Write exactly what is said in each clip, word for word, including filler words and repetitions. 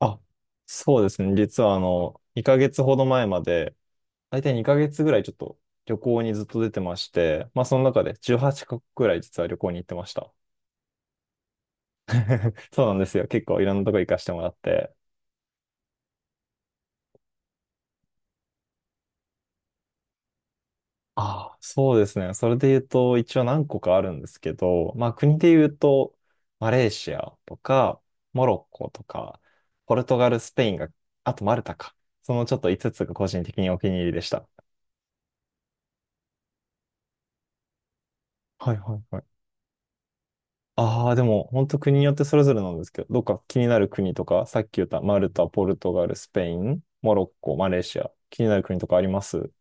あ、そうですね。実はあの、にかげつほど前まで、大体にかげつぐらいちょっと旅行にずっと出てまして、まあその中でじゅうはちカ国ぐらい実は旅行に行ってました。そうなんですよ。結構いろんなとこ行かせてもらって。ああ、そうですね。それで言うと、一応何個かあるんですけど、まあ国で言うと、マレーシアとか、モロッコとか、ポルトガル、スペインが、あとマルタか。そのちょっといつつつが個人的にお気に入りでした。はいはいはい。ああ、でも、本当国によってそれぞれなんですけど、どっか気になる国とか、さっき言ったマルタ、ポルトガル、スペイン、モロッコ、マレーシア、気になる国とかあります？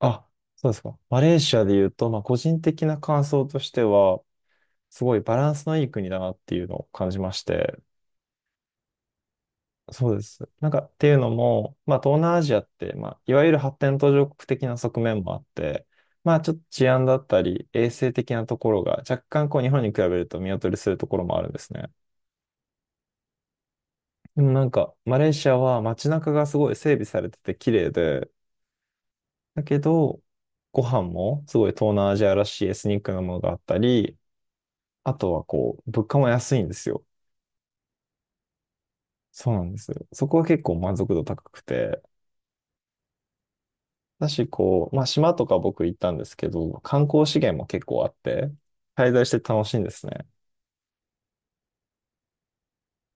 あ、そうですか。マレーシアで言うと、まあ、個人的な感想としては、すごいバランスのいい国だなっていうのを感じまして、そうです。なんか、っていうのも、まあ、東南アジアって、まあ、いわゆる発展途上国的な側面もあって、まあ、ちょっと治安だったり、衛生的なところが若干こう日本に比べると見劣りするところもあるんですね。でもなんか、マレーシアは街中がすごい整備されてて綺麗で、だけど、ご飯もすごい東南アジアらしいエスニックなものがあったり、あとはこう、物価も安いんですよ。そうなんですよ。そこは結構満足度高くて。だし、こう、まあ島とか僕行ったんですけど、観光資源も結構あって、滞在して楽しいんですね。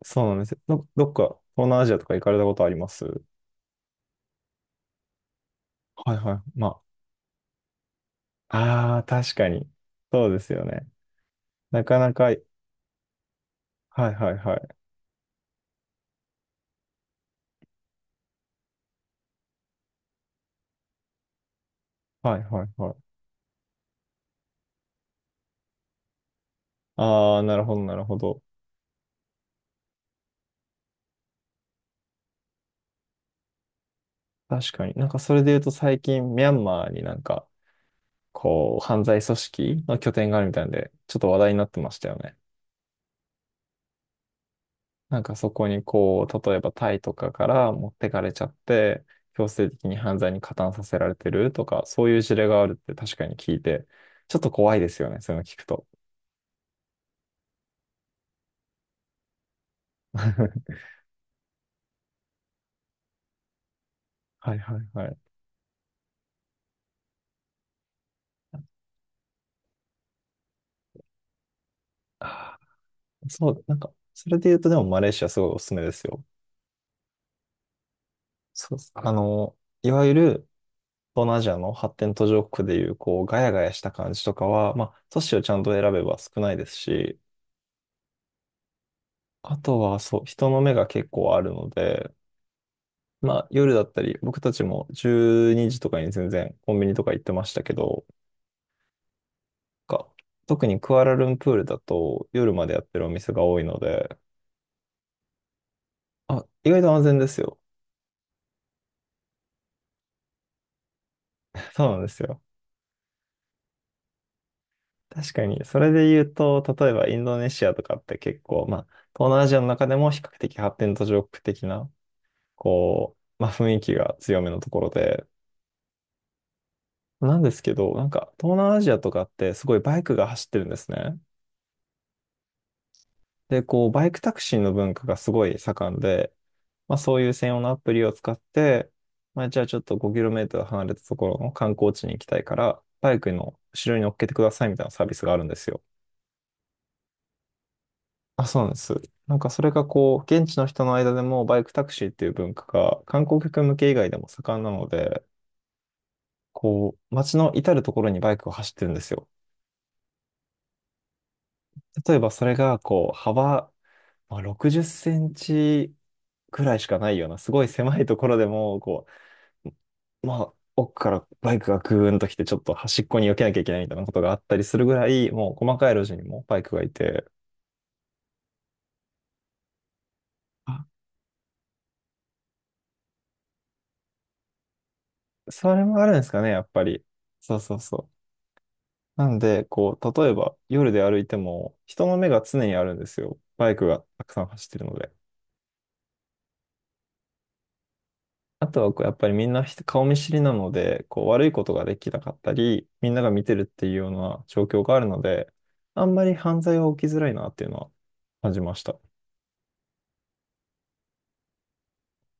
そうなんですよ。ど、どっか東南アジアとか行かれたことあります？はいはい。まあ、ああ、確かに。そうですよね。なかなか、はいはいはい。はいはいはい。ああ、なるほどなるほど。確かに。なんかそれで言うと最近ミャンマーになんかこう犯罪組織の拠点があるみたいなんで、ちょっと話題になってましたよね。なんかそこにこう、例えばタイとかから持ってかれちゃって、強制的に犯罪に加担させられてるとか、そういう事例があるって確かに聞いて、ちょっと怖いですよね、そういうの聞くと。はいはいはい。あーそう、なんか、それで言うとでもマレーシアすごいおすすめですよ。そうっす、あの、いわゆる東南アジアの発展途上国でいう、こう、ガヤガヤした感じとかは、まあ、都市をちゃんと選べば少ないですし、あとは、そう、人の目が結構あるので、まあ、夜だったり、僕たちもじゅうにじとかに全然コンビニとか行ってましたけど、か特にクアラルンプールだと夜までやってるお店が多いので、あ、意外と安全ですよ。そうなんですよ。確かに、それで言うと、例えばインドネシアとかって結構、まあ、東南アジアの中でも比較的発展途上国的なこう、まあ、雰囲気が強めのところで、なんですけど、なんか東南アジアとかってすごいバイクが走ってるんですね。で、こう、バイクタクシーの文化がすごい盛んで、まあ、そういう専用のアプリを使って、まあ、じゃあちょっとごトル離れたところの観光地に行きたいから、バイクの後ろに乗っけてくださいみたいなサービスがあるんですよ。あ、そうなんです。なんかそれがこう、現地の人の間でもバイクタクシーっていう文化が観光客向け以外でも盛んなので、こう、街の至るところにバイクが走ってるんですよ。例えばそれがこう幅、まあ、ろくじゅっセンチくらいしかないようなすごい狭いところでもこう、まあ、奥からバイクがグーンと来てちょっと端っこに避けなきゃいけないみたいなことがあったりするぐらいもう細かい路地にもバイクがいて、あ、それもあるんですかね、やっぱり。そうそうそう。なんでこう例えば夜で歩いても人の目が常にあるんですよ、バイクがたくさん走ってるので。あとはこうやっぱりみんな人顔見知りなので、こう悪いことができなかったり、みんなが見てるっていうような状況があるので、あんまり犯罪は起きづらいなっていうのは感じました。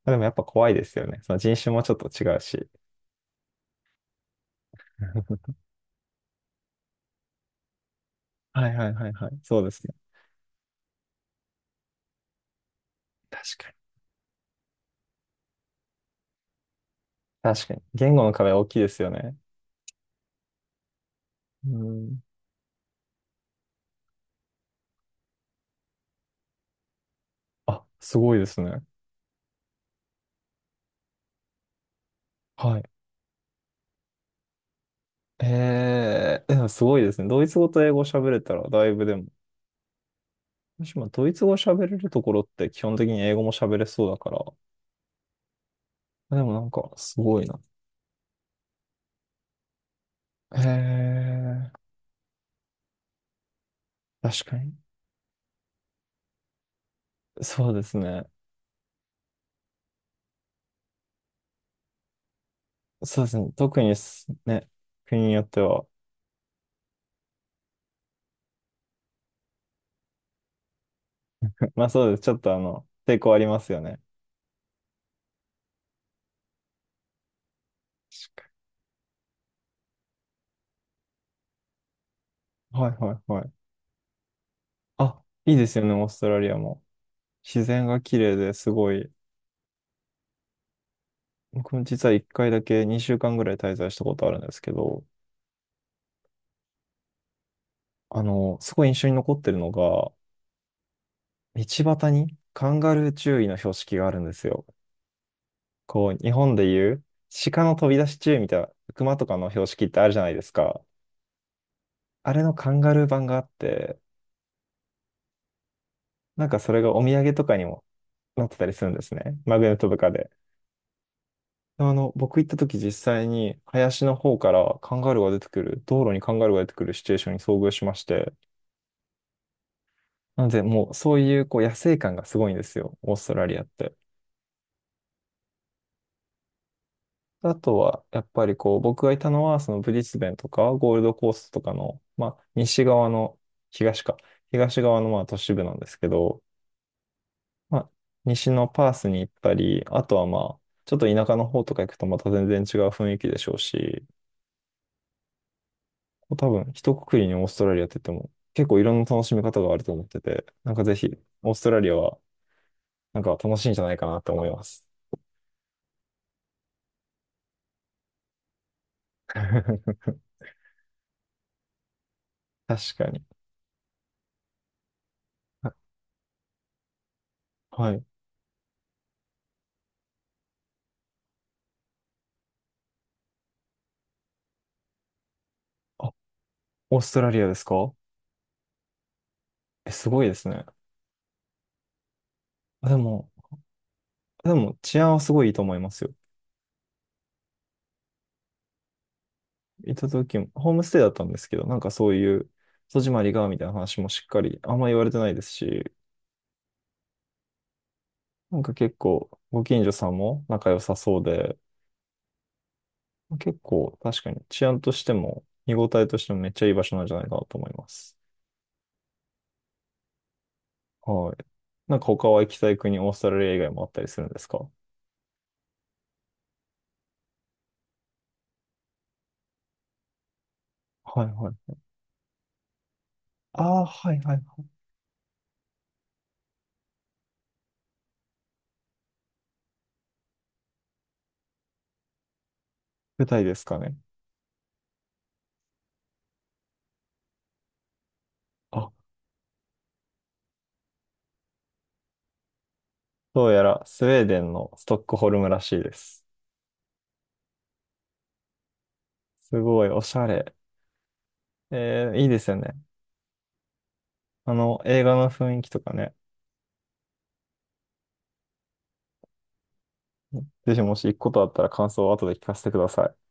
でもやっぱ怖いですよね。その人種もちょっと違うし。はいはいはいはい。そうですね。確かに。確かに。言語の壁は大きいですよね。うん。あ、すごいですね。はい。えー、でもすごいですね。ドイツ語と英語喋れたらだいぶでも。もしもドイツ語喋れるところって基本的に英語も喋れそうだから、でもなんか、すごいな。へえ、確かに。そうですね。そうですね。特にすね、国によっては。まあそうです。ちょっとあの、抵抗ありますよね。確かにはいはいはい。あ、いいですよね、オーストラリアも。自然が綺麗ですごい。僕も実は一回だけにしゅうかんぐらい滞在したことあるんですけど、あの、すごい印象に残ってるのが、道端にカンガルー注意の標識があるんですよ。こう、日本でいう鹿の飛び出し注意みたいな、熊とかの標識ってあるじゃないですか。あれのカンガルー版があって、なんかそれがお土産とかにもなってたりするんですね。マグネットとかで。あの、僕行った時実際に林の方からカンガルーが出てくる、道路にカンガルーが出てくるシチュエーションに遭遇しまして、なのでもうそういうこう野生感がすごいんですよ、オーストラリアって。あとは、やっぱりこう、僕がいたのは、そのブリスベンとか、ゴールドコーストとかの、まあ、西側の、東か、東側のまあ都市部なんですけど、まあ、西のパースに行ったり、あとはまあ、ちょっと田舎の方とか行くとまた全然違う雰囲気でしょうし、多分、一括りにオーストラリアって言っても、結構いろんな楽しみ方があると思ってて、なんかぜひ、オーストラリアは、なんか楽しいんじゃないかなって思います。確かに。ははい。あ、オーストラリアですか？え、すごいですね。でも、でも、治安はすごいいいと思いますよ。行った時も、ホームステイだったんですけど、なんかそういう、戸締まりが、みたいな話もしっかり、あんま言われてないですし、なんか結構、ご近所さんも仲良さそうで、結構、確かに治安としても、見応えとしてもめっちゃいい場所なんじゃないかなと思います。はい。なんか他は行きたい国、オーストラリア以外もあったりするんですか？はいはい。ああ、はいはいはい。舞台ですかね。あ、どうやらスウェーデンのストックホルムらしいです。すごいおしゃれ。えー、いいですよね。あの、映画の雰囲気とかね。ぜひもし行くことあったら感想を後で聞かせてください。